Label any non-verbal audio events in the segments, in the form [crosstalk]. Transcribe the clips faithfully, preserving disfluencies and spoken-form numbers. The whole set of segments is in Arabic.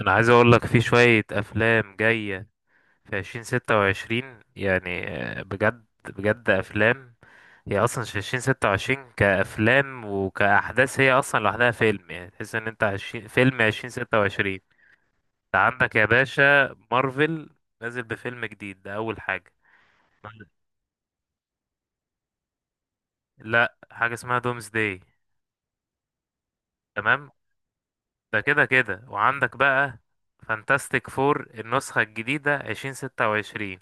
انا عايز اقول لك في شوية افلام جاية في عشرين ستة وعشرين يعني. آه، بجد بجد افلام. هي اصلا في عشرين ستة وعشرين كافلام وكاحداث، هي اصلا لوحدها فيلم، يعني تحس ان انت عشرين فيلم عشرين ستة وعشرين. انت عندك يا باشا مارفل نازل بفيلم جديد، ده اول حاجة. لا، حاجة اسمها دومز داي. تمام. ده كده كده. وعندك بقى فانتاستيك فور النسخة الجديدة عشرين ستة وعشرين.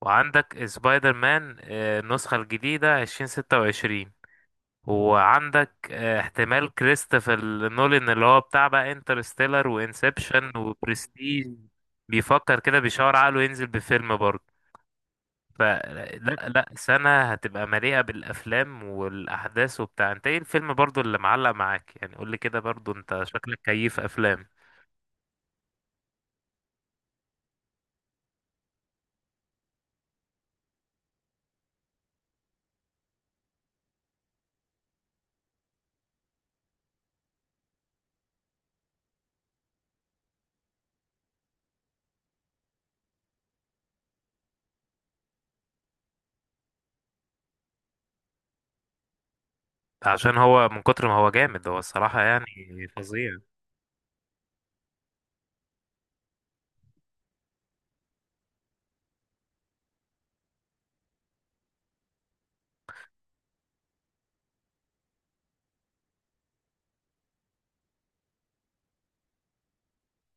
وعندك سبايدر مان، آه، النسخة الجديدة عشرين ستة وعشرين. وعندك آه، احتمال كريستوفر نولان اللي هو بتاع بقى انترستيلر وانسبشن وبرستيج، بيفكر كده، بيشاور عقله ينزل بفيلم برضه. فلا لا لا، سنة هتبقى مليئة بالأفلام والأحداث وبتاع. انت ايه الفيلم برضه اللي معلق معاك يعني؟ قولي كده برضه، انت شكلك كيف أفلام؟ عشان هو من كتر ما هو جامد، هو الصراحة يعني فظيع.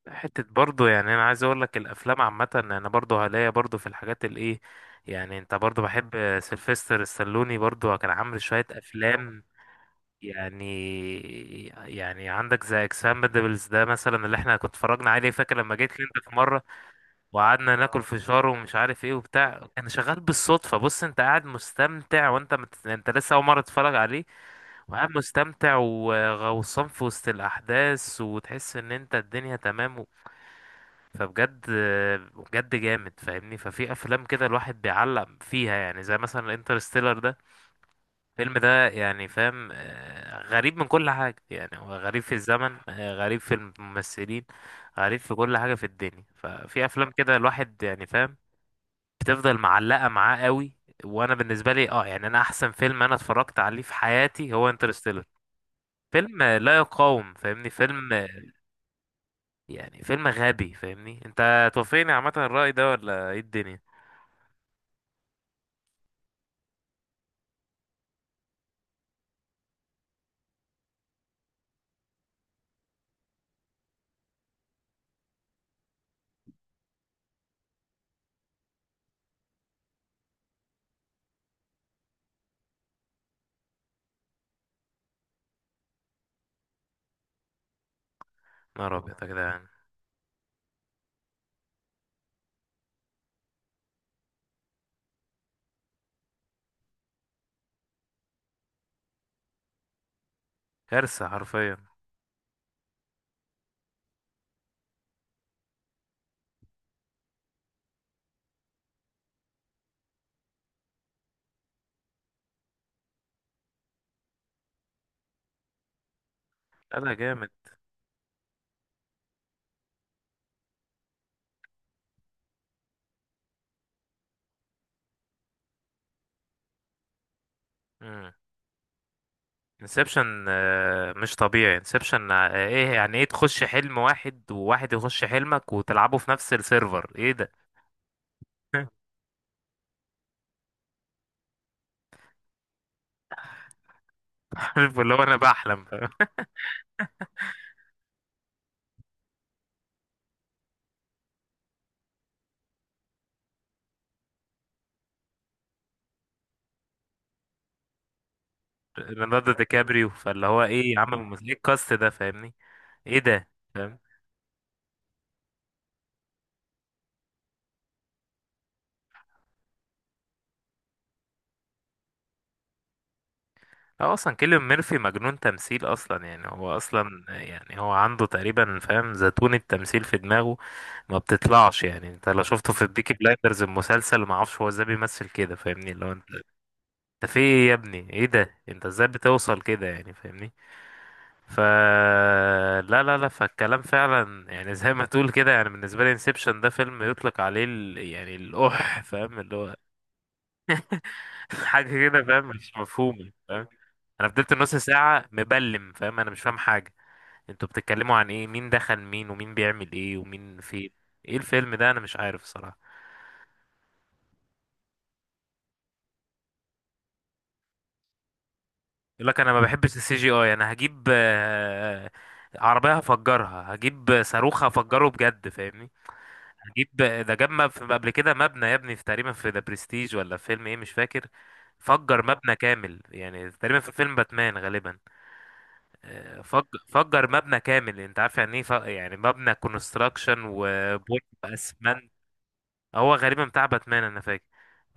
حتة برضو، يعني انا عايز اقول لك الافلام عامة، انا برضو هلاقي برضو في الحاجات الايه. يعني انت برضو بحب سيلفستر السلوني، برضو كان عامل شوية افلام. يعني يعني عندك زي اكسبندبلز ده مثلا اللي احنا كنت اتفرجنا عليه، فاكر لما جيت لي انت في مرة وقعدنا ناكل فشار ومش عارف ايه وبتاع، كان شغال بالصدفة. بص انت قاعد مستمتع، وانت مت... انت لسه اول مرة تتفرج عليه وقاعد مستمتع وغوصان في وسط الاحداث وتحس ان انت الدنيا تمام. فبجد بجد جامد فاهمني. ففي افلام كده الواحد بيعلق فيها، يعني زي مثلا انترستيلر ده، الفيلم ده يعني فاهم آه، غريب من كل حاجة. يعني هو غريب في الزمن، آه، غريب في الممثلين، غريب في كل حاجة في الدنيا. ففي افلام كده الواحد يعني فاهم بتفضل معلقة معاه قوي. وانا بالنسبة لي اه يعني انا احسن فيلم انا اتفرجت عليه في حياتي هو انترستيلر، فيلم لا يقاوم فاهمني، فيلم يعني فيلم غبي فاهمني. انت توافقني عامة الرأي ده ولا ايه الدنيا؟ نهار أبيض يا جدعان. كارثة حرفيا. لا لا جامد. امم. انسبشن. مش طبيعي انسبشن. ايه يعني؟ ايه تخش حلم واحد، وواحد يخش حلمك وتلعبه في نفس السيرفر؟ ايه ده؟ [laughs] عارف اللي هو انا بحلم فاهم؟ [laughs] ليوناردو دي كابريو. فاللي هو ايه يا عم، ممثل- ايه الكاست ده فاهمني؟ ايه ده؟ هو اصلا كيليان ميرفي مجنون تمثيل اصلا يعني، هو اصلا يعني هو عنده تقريبا فاهم زيتون التمثيل في دماغه ما بتطلعش، يعني انت لو شفته في بيكي بلايندرز المسلسل ما اعرفش هو ازاي بيمثل كده فاهمني. لو انت انت في ايه يا ابني؟ ايه ده؟ انت ازاي بتوصل كده يعني فاهمني؟ ف لا لا لا، فالكلام فعلا يعني زي ما تقول كده، يعني بالنسبه لي انسبشن ده فيلم يطلق عليه ال... يعني الاح فاهم اللي هو [laughs] حاجه كده فاهم، مش مفهومه فاهم. انا فضلت نص ساعه مبلم فاهم، انا مش فاهم حاجه. انتوا بتتكلموا عن ايه؟ مين دخل مين؟ ومين بيعمل ايه؟ ومين فين؟ ايه الفيلم ده؟ انا مش عارف الصراحه. يقول لك انا ما بحبش السي جي اي، انا هجيب آه، عربيه هفجرها، هجيب صاروخ هفجره بجد فاهمني. هجيب ده، جاب مب- في- قبل كده مبنى يا ابني في تقريبا في ذا برستيج ولا في فيلم ايه مش فاكر، فجر مبنى كامل يعني تقريبا في فيلم باتمان غالبا. آه، فج فجر مبنى كامل. انت عارف يعني ايه، ف- يعني مبنى كونستراكشن وبوم. هو غالبا بتاع باتمان انا فاكر.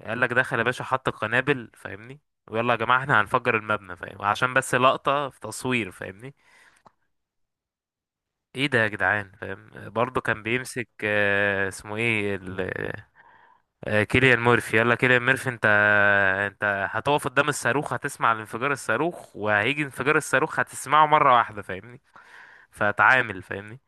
قال لك دخل يا باشا حط القنابل فاهمني، ويلا يا جماعه احنا هنفجر المبنى فاهم، عشان بس لقطه في تصوير فاهمني. ايه ده يا جدعان فاهم؟ برضه كان بيمسك آه، اسمه ايه ال- آه، كيليان مورفي. يلا كيليان مورفي، انت انت هتقف قدام الصاروخ، هتسمع الانفجار، الصاروخ وهيجي انفجار الصاروخ هتسمعه مره واحده فاهمني. فتعامل فاهمني.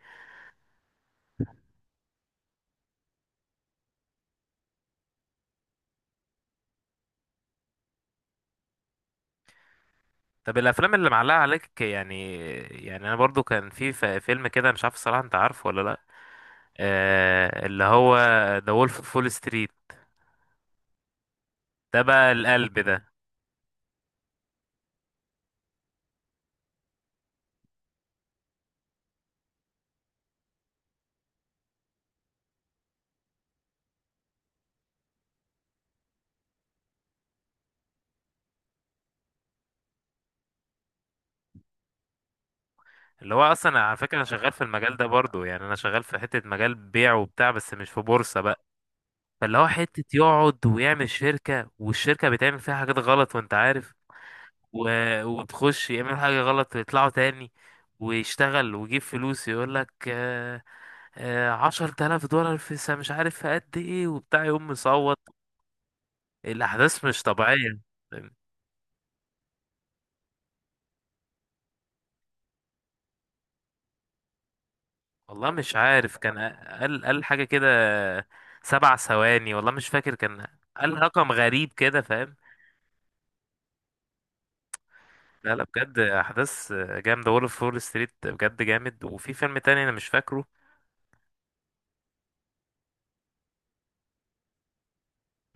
طب الافلام اللي معلقه عليك يعني؟ يعني انا برضو كان في ف- فيلم كده مش عارف الصراحه، انت عارفه ولا لا؟ آه، اللي هو ذا وولف اوف فول ستريت. ده بقى القلب ده. اللي هو اصلا على فكره انا شغال في المجال ده برضو، يعني انا شغال في حته مجال بيع وبتاع بس مش في بورصه بقى. فاللي هو حته يقعد ويعمل شركه، والشركه بتعمل فيها حاجات غلط وانت عارف، و... وتخش يعمل حاجه غلط ويطلعوا تاني ويشتغل ويجيب فلوس. يقول لك عشر تلاف دولار في سا- مش عارف في قد ايه وبتاع، يقوم مصوت. الأحداث مش طبيعية. والله مش عارف كان قال قال حاجة كده، سبع ثواني، والله مش فاكر كان قال رقم غريب كده فاهم. لا لا بجد أحداث جامدة، وولف فول ستريت بجد جامد. وفي فيلم تاني أنا مش فاكره.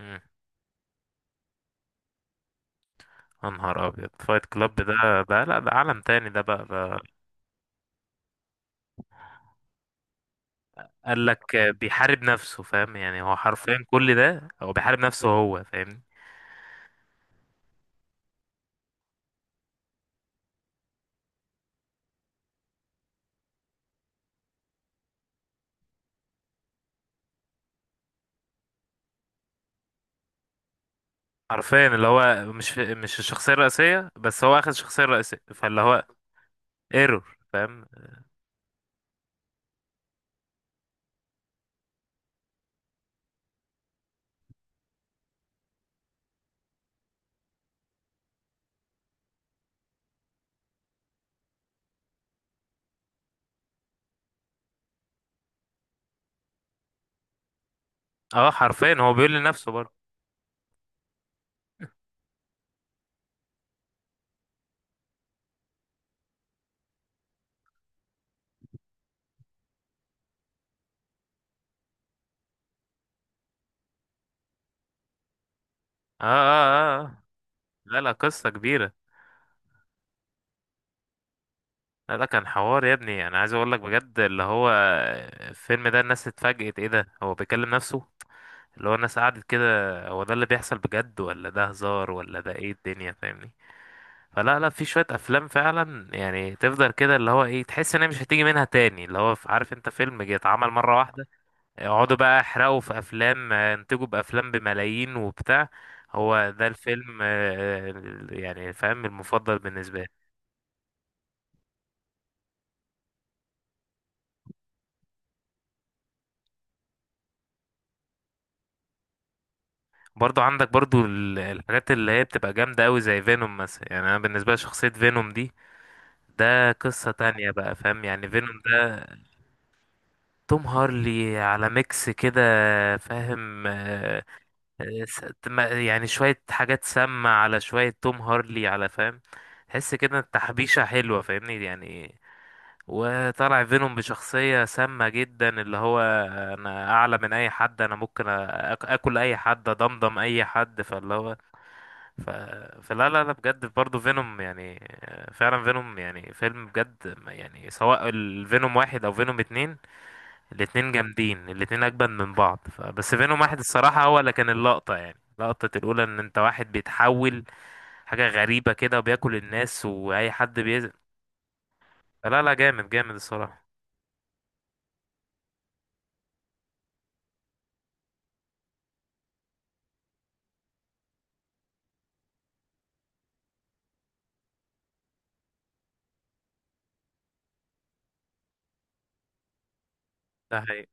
مم. يا نهار أبيض فايت كلاب ده ده لا، ده عالم تاني ده بقى ده. قال لك بيحارب نفسه فاهم؟ يعني هو حرفيا كل ده هو بيحارب نفسه هو فاهمني. حرفيا اللي هو مش مش الشخصية الرئيسية، بس هو أخد الشخصية الرئيسية. فاللي هو ايرور فاهم. اه حرفيا هو بيقول لنفسه برضه. اه اه اه. لا لا قصة كبيرة. لا لا كان حوار يا ابني، انا عايز اقول لك بجد اللي هو الفيلم ده الناس اتفاجئت ايه ده هو بيكلم نفسه. اللي هو الناس قعدت كده، هو ده اللي بيحصل بجد ولا ده هزار ولا ده ايه الدنيا فاهمني؟ فلا لا، في شوية افلام فعلا يعني تفضل كده، اللي هو ايه تحس ان هي مش هتيجي منها تاني، اللي هو عارف انت فيلم جه اتعمل مرة واحدة. يقعدوا بقى يحرقوا في افلام، آه، ينتجوا بافلام بملايين وبتاع. هو ده الفيلم آه، آه، يعني فاهم المفضل بالنسبة. برضو عندك برضو ال- الحاجات اللي هي بتبقى جامدة أوي زي فينوم مثلا. يعني أنا بالنسبة لي شخصية فينوم دي ده قصة تانية بقى فاهم. يعني فينوم ده توم هارلي على ميكس كده فاهم آه، آه، س- ما- يعني شوية حاجات سامة على شوية توم هارلي على فاهم، تحس كده تحبيشة حلوة فاهمني يعني. وطلع فينوم بشخصية سامة جدا اللي هو أنا أعلى من أي حد. أنا ممكن أ- أك- أكل أي حد أضمضم أي حد. فاللي هو ف... فلا لا لا بجد برضه فينوم، يعني آه، فعلا فينوم يعني فيلم بجد ما- يعني سواء الفينوم واحد او فينوم اتنين الاتنين جامدين، الاتنين اجمد من بعض. ف... بس فينوم واحد الصراحة هو اللي كان اللقطة، يعني لقطة الأولى إن أنت واحد بيتحول حاجة غريبة كده وبياكل الناس وأي حد بيزق. لا لا جامد جامد الصراحة. ده حقيقي.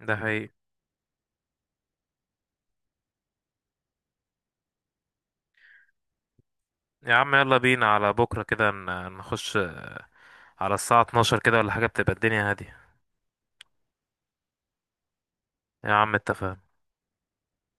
ده حقيقي. يا عم يلا بينا على بكرة كده، ن- نخش آه، على الساعة الثانية عشرة كده ولا حاجة بتبقى الدنيا هادية. يا عم اتفقنا.